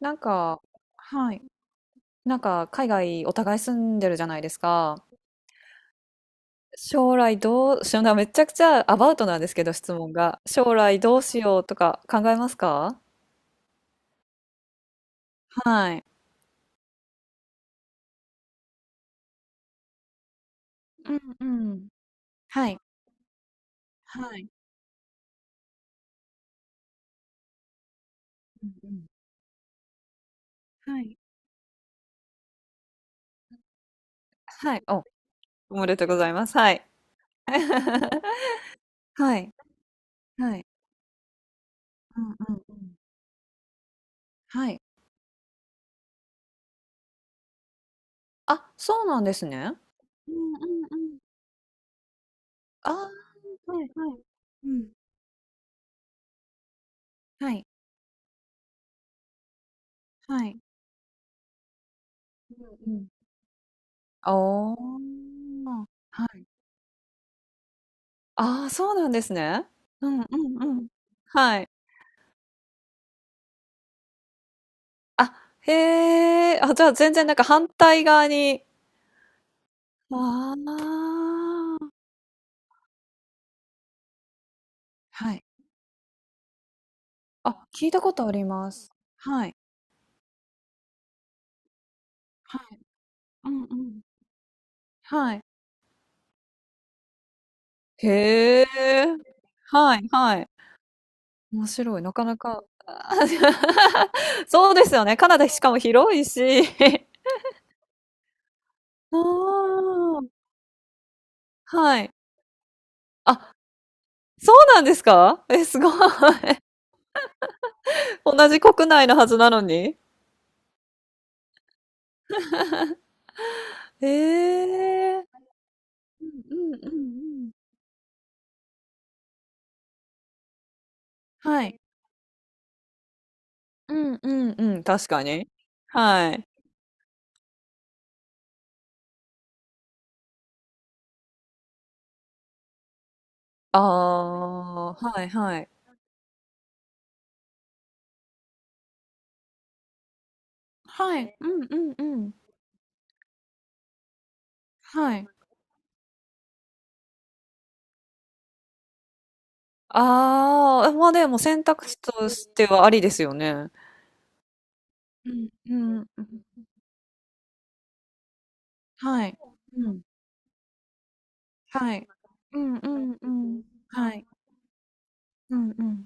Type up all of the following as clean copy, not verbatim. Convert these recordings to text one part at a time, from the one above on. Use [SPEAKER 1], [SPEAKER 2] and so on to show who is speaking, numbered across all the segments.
[SPEAKER 1] なんか、はい。なんか海外お互い住んでるじゃないですか。将来どうしような、めちゃくちゃアバウトなんですけど、質問が。将来どうしようとか考えますか？はい。うんうん。はい。はい。うんうん。はい。はい。おめでとうございます。はい。はい。はい。うんうんうん。はい。あ、そうなんですね。うんうんうん。ああ、はいはい。うん。はい。はい。うんうん。あお、はい。ああ、そうなんですね。うんうんうん。はい。あ、へえ。あ、じゃあ全然なんか反対側に。ああ。はい。あ、聞いたことあります。はい。はい。うんうん。はい。へえ。はいはい。面白い。なかなか。あー そうですよね。カナダしかも広いし。ああ、はい。あそうなんですか？え、すごい。同じ国内のはずなのに。ええー、うんうんうんうん。はい。うんうんうん、確かに。はい。ああ、はいはい。はい。うんうんうん。はい。ああ、まあでも選択肢としてはありですよね。うんうんうん。はい。うん。はい。うんうんうん。はい。うんうん。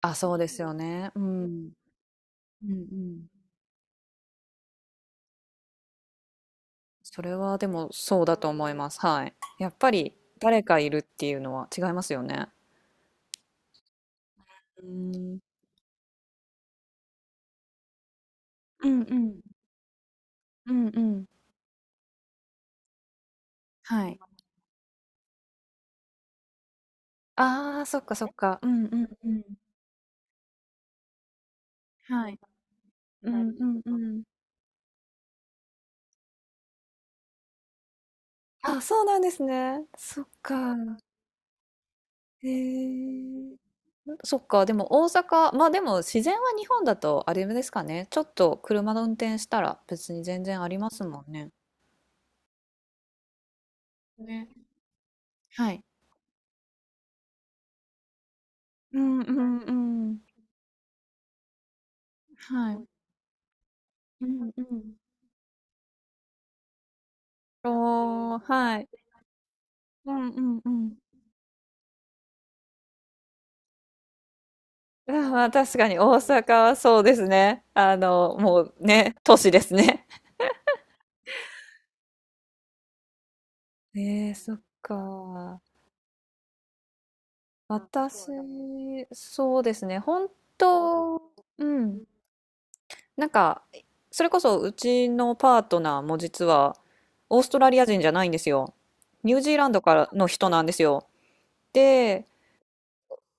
[SPEAKER 1] あ、そうですよね。うん。うんうん。それはでもそうだと思います。はい。やっぱり誰かいるっていうのは違いますよね。うーん。うんうん。うんうん。はい。ああ、そっかそっか。うんうんうん。はい。うんうんうん。あ、そうなんですね。そっか。へえ。そっか、でも大阪、まあでも自然は日本だとあれですかね。ちょっと車の運転したら別に全然ありますもんね。ね。はい。うんうんうん。はい。うんうん。おー、はい。うんうんうん。あ、まあ、確かに大阪はそうですね。もうね、都市ですね。ええ、そっか。私、そうですね。本当、うん。なんか、それこそうちのパートナーも実は、オーストラリア人じゃないんですよ。ニュージーランドからの人なんですよ。で、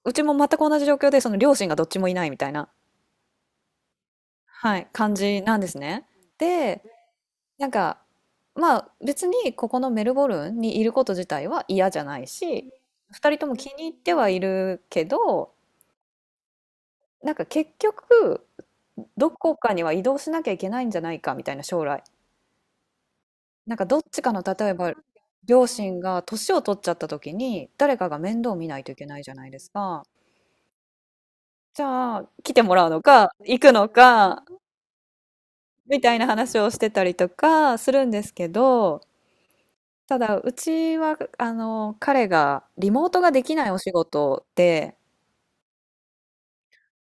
[SPEAKER 1] うちも全く同じ状況で、その両親がどっちもいないみたいな、はい、感じなんですね。で、なんか、まあ別にここのメルボルンにいること自体は嫌じゃないし、2人とも気に入ってはいるけど、なんか結局どこかには移動しなきゃいけないんじゃないかみたいな将来。なんかどっちかの例えば両親が年を取っちゃった時に誰かが面倒見ないといけないじゃないですか。じゃあ来てもらうのか行くのかみたいな話をしてたりとかするんですけど、ただ、うちは、彼がリモートができないお仕事で、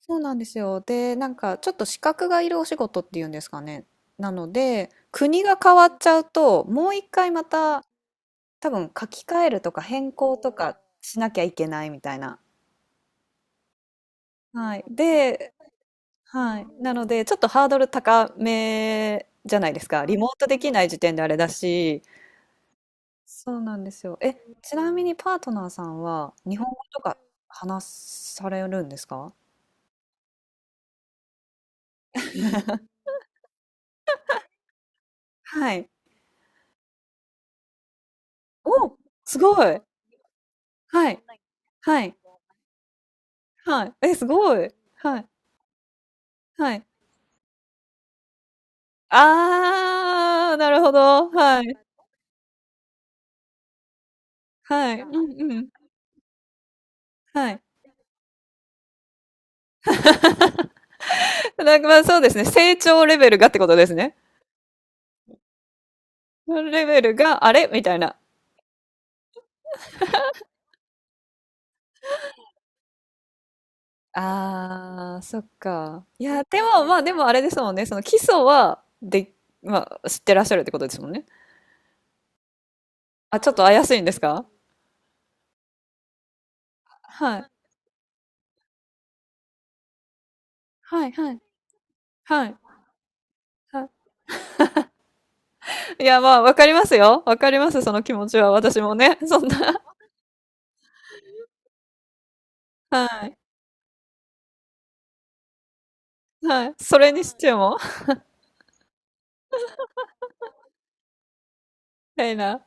[SPEAKER 1] そうなんですよ。で、なんか、ちょっと資格がいるお仕事っていうんですかね。なので、国が変わっちゃうと、もう一回また、多分書き換えるとか変更とかしなきゃいけないみたいな。はい。で、はい。なので、ちょっとハードル高めじゃないですか。リモートできない時点であれだし、そうなんですよ。え、ちなみにパートナーさんは日本語とか話されるんですか？はい。お、すごい。はい。はい。はい。え、すごい。はい。はい。ああ、なるほど。はい。はい。うんうん。はい。なんか、ま、そうですね、成長レベルがってことですね。レベルが、あれ？みたいな。ああ、そっか。いや、でも、まあ、でもあれですもんね、その基礎は、で、まあ、知ってらっしゃるってことですもんね。あ、ちょっと怪しいんですか？はい。はい、はい、はい。はい。いや、まあ、わかりますよ。わかります、その気持ちは。私もね。そんな。はい。はい。それにしても。たいな。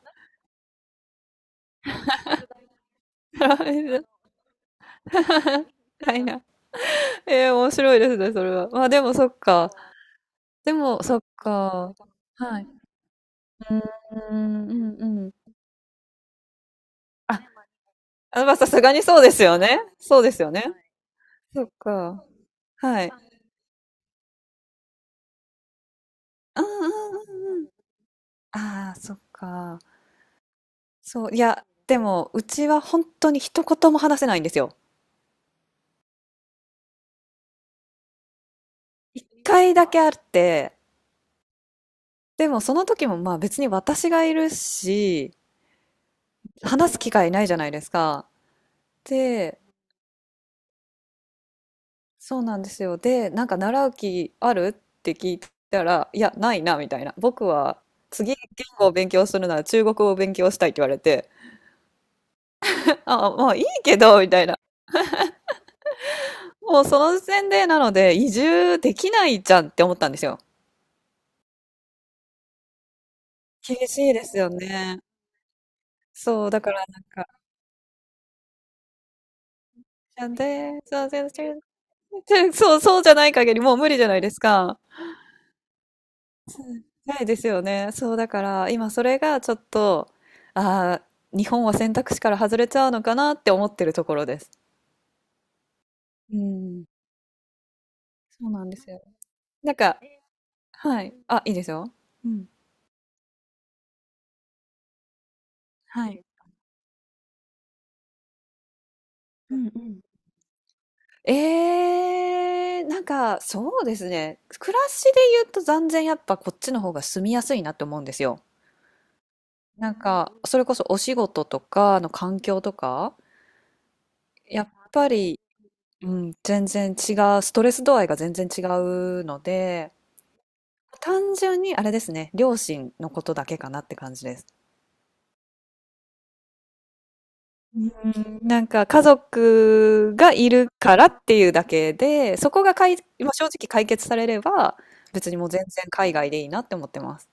[SPEAKER 1] はいな。え え、面白いですね、それは。まあ、でもそっか。でも、そっか。はい。うーん、うんうん。あ、あ、まあ、さすがにそうですよね。そうですよね。そっか。はい。うんうんうんうん。ああ、そっか。そう、いや、でも、うちは本当に一言も話せないんですよ。一回だけあって、でもその時もまあ別に私がいるし、話す機会ないじゃないですか。で、そうなんですよ。で、なんか習う気あるって聞いたら、いや、ないな、みたいな。僕は次言語を勉強するなら中国語を勉強したいって言われて、あ、まあいいけど、みたいな。もうその時点でなので移住できないじゃんって思ったんですよ。厳しいですよね。そう、だからなんで、そう、全然、全そう、そう、じゃない限りもう無理じゃないですか。ないですよね。そう、だから今それがちょっと、ああ、日本は選択肢から外れちゃうのかなって思ってるところです。うん、そうなんですよ。なんか、はい。あ、いいですよ。うん。はい。うんうん。なんか、そうですね。暮らしで言うと残然やっぱこっちの方が住みやすいなって思うんですよ。なんか、それこそお仕事とかの環境とか、やっぱりうん、全然違う、ストレス度合いが全然違うので、単純にあれですね、両親のことだけかなって感じです。うん、なんか家族がいるからっていうだけで、そこが、まあ正直解決されれば、別にもう全然海外でいいなって思ってます。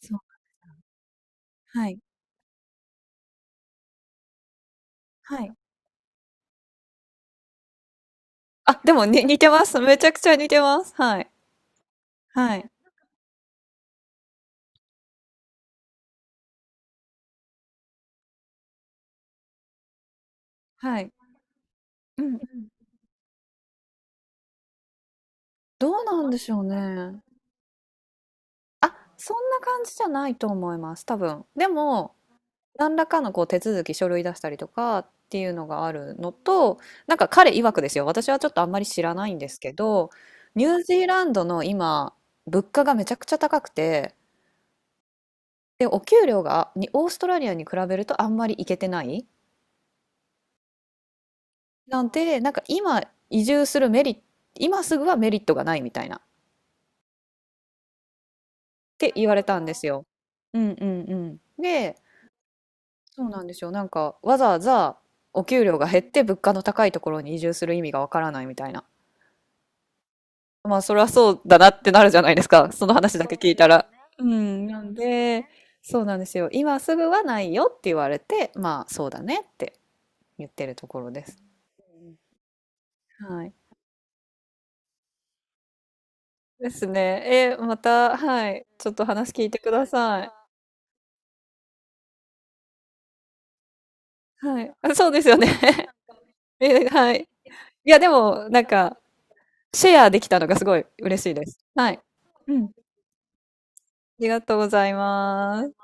[SPEAKER 1] そう。はい。はい。あ、でもに似てます。めちゃくちゃ似てます。はい。はい。はい。うん。うん、どうなんでしょうね。あ、そんな感じじゃないと思います。多分。でも、何らかのこう手続き書類出したりとかっていうのがあるのと、なんか彼曰くですよ、私はちょっとあんまり知らないんですけど、ニュージーランドの今物価がめちゃくちゃ高くて、でお給料がにオーストラリアに比べるとあんまりいけてない、なんでなんか今移住するメリット、今すぐはメリットがないみたいなって言われたんですよ。うんうんうん、で、そうなんですよ、なんかわざわざお給料が減って物価の高いところに移住する意味がわからないみたいな。まあ、それはそうだなってなるじゃないですか。その話だけ聞いたら。うん。なんんで、そうなんですよ。今すぐはないよって言われて、まあ、そうだねって言ってるところです。はい。ですね。え、また、はい。ちょっと話聞いてください。はい。あ、そうですよね。え、はい。いや、でも、なんか、シェアできたのがすごい嬉しいです。はい。うん。ありがとうございます。